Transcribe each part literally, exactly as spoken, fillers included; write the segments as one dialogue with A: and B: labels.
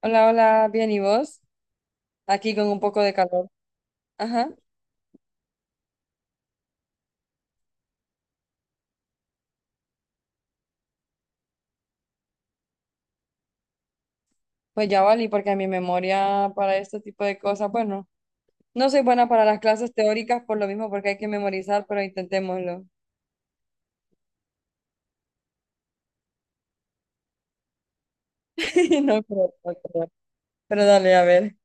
A: Hola, hola, bien, ¿y vos? Aquí con un poco de calor. Ajá, pues ya vale, porque a mi memoria para este tipo de cosas, bueno, no soy buena para las clases teóricas por lo mismo, porque hay que memorizar, pero intentémoslo. No creo, no creo. Pero dale, a ver,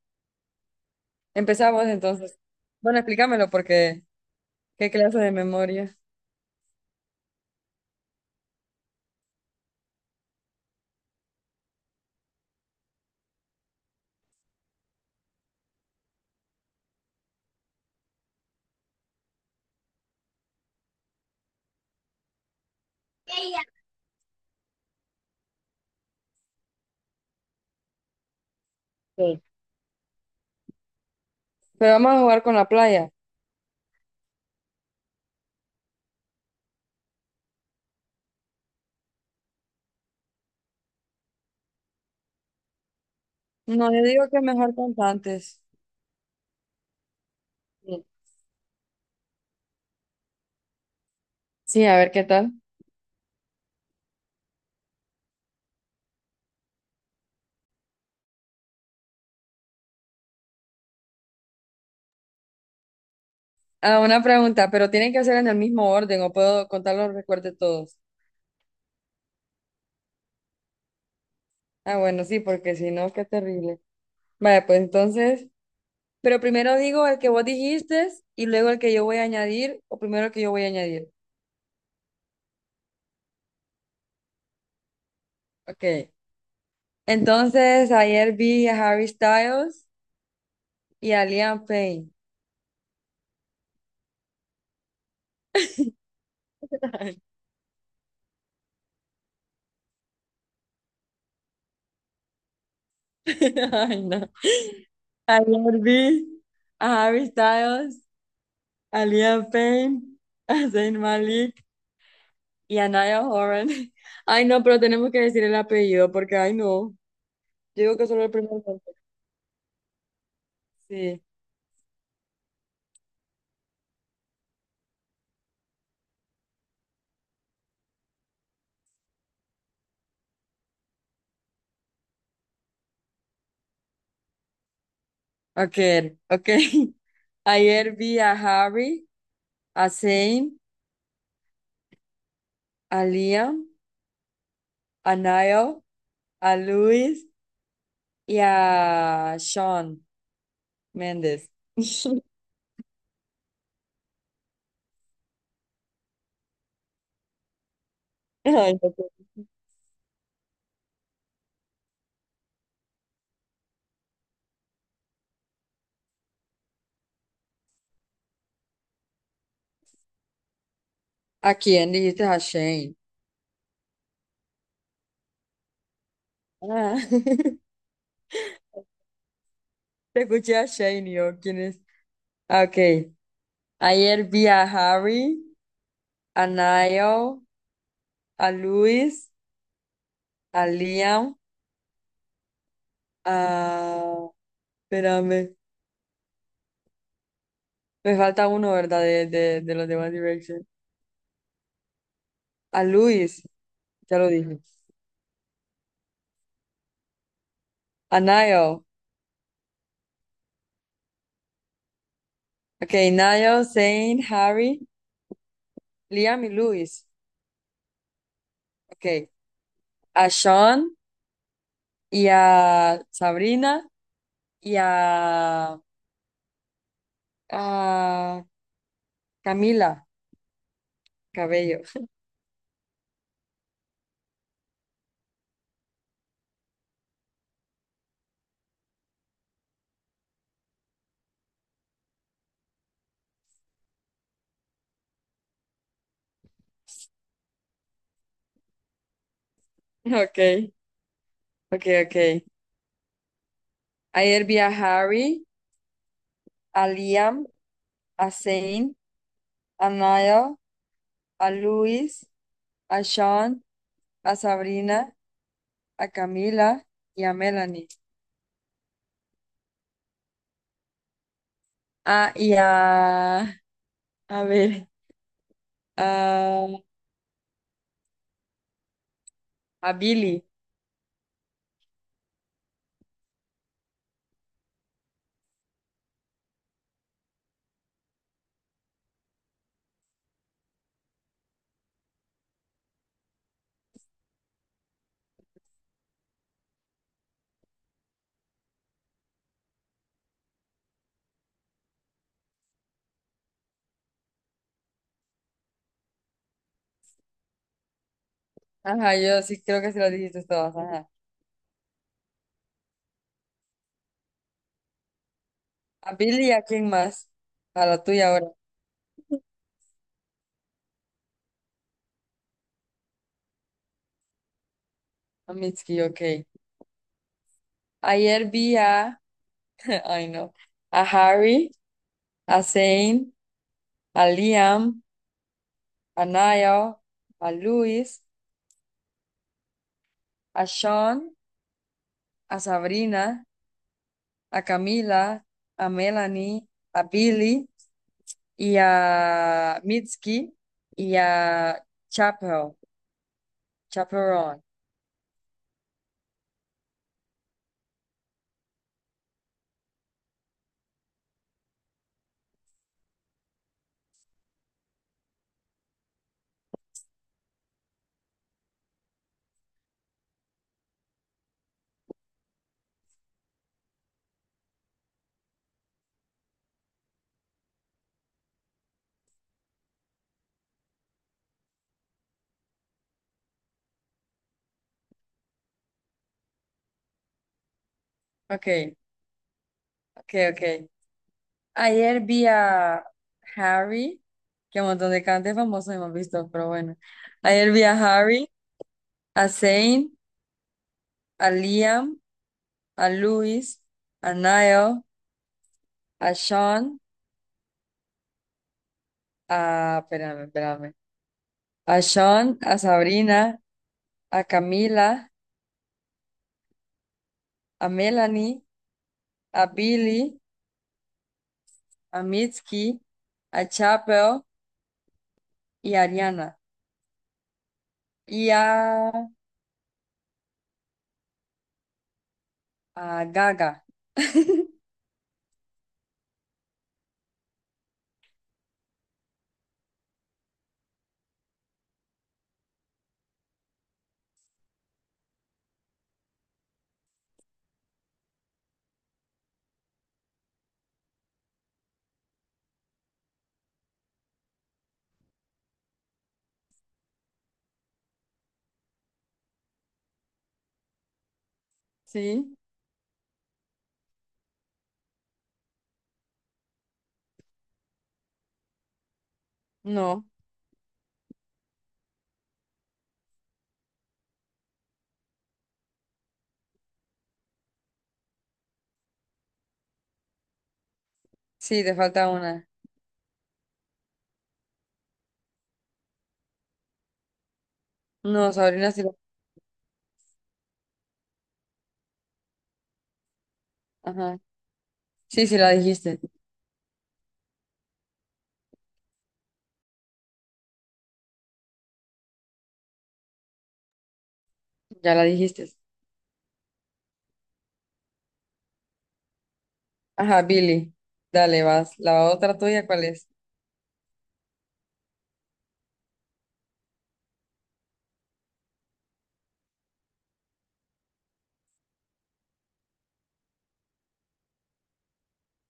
A: empezamos entonces. Bueno, explícamelo, porque qué clase de memoria. Sí. Pero vamos a jugar con la playa. No, yo digo que mejor contantes. Sí, sí, a ver qué tal. Ah, una pregunta, pero tienen que hacer en el mismo orden o puedo contarlos, recuerde todos. Ah, bueno, sí, porque si no, qué terrible. Vaya pues entonces, pero primero digo el que vos dijiste y luego el que yo voy a añadir, o primero el que yo voy a añadir. Ok. Entonces, ayer vi a Harry Styles y a Liam Payne. Ay, no. Ayer vi a Harry Styles, a Liam Payne, a Zayn Malik y a Niall Horan. Ay, no, pero tenemos que decir el apellido porque, ay, no. Yo digo que solo el primer nombre. Sí. Ok, ok. Ayer vi a Harry, a Zayn, a Liam, a Niall, a Luis y a Sean Méndez. Ay, no puedo. ¿A quién dijiste, a Shane? Ah, te escuché a Shane y yo, ¿quién es? Ah, ok. Ayer vi a Harry, a Niall, a Luis, a Liam, a... Espérame, me falta uno, ¿verdad? De, de, de los demás Direction. A Luis, ya lo dije. A Niall. Okay, Niall, Zane, Harry, Liam y Luis. Okay, a Sean y a Sabrina y a, a Camila Cabello. Okay, okay, okay. Ayer vi a Harry, a Liam, a Zane, a Niall, a Luis, a Sean, a Sabrina, a Camila y a Melanie. Ah, y a, a ver, a, a Billy. Ajá, yo sí creo que se lo dijiste todas, ajá. A Billy y a quién más. A la tuya ahora. A Mitski, ok. Ayer vi a, ay no, a Harry, a Zane, a Liam, a Niall, a Luis, a Sean, a Sabrina, a Camila, a Melanie, a Billy y a Mitski y a Chapel Chaperón. Ok, ok, ok. Ayer vi a Harry, que un montón de cantantes famosos hemos visto, pero bueno. Ayer vi a Harry, a Zayn, a Liam, a Luis, a Niall, a Sean, a... Espérame, espérame. A Sean, a Sabrina, a Camila, a Melanie, a Billy, a Mitski, a Chapel y a Ariana. Y a, a Gaga. ¿Sí? No. Sí, te falta una. No, Sabrina sí la... Ajá. Sí, sí la dijiste. Ya la dijiste. Ajá, Billy. Dale, vas. La otra tuya, ¿cuál es?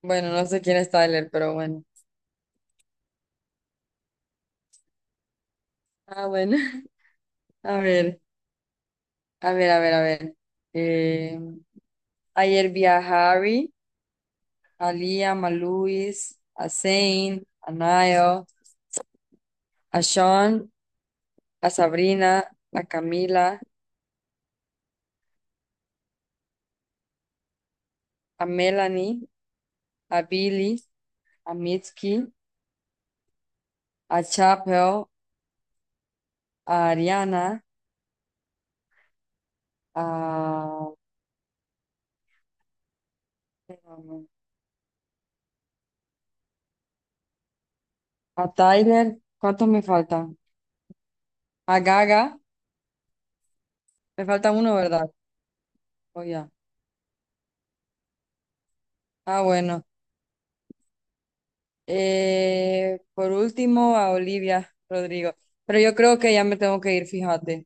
A: Bueno, no sé quién es Tyler, pero bueno. Ah, bueno. A ver, a ver, a ver, a ver. Eh, ayer vi a Harry, a Liam, a Luis, a Zane, a Niall, a Sean, a Sabrina, a Camila, a Melanie, a Billy, a Mitski, a Chapel, a Ariana, a... A Tyler, ¿cuántos me faltan? A Gaga, me falta uno, ¿verdad? Oh, ya. Ah, bueno. Eh, por último, a Olivia Rodrigo. Pero yo creo que ya me tengo que ir, fíjate.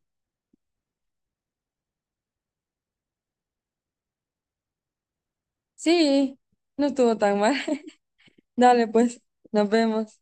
A: Sí, no estuvo tan mal. Dale, pues, nos vemos.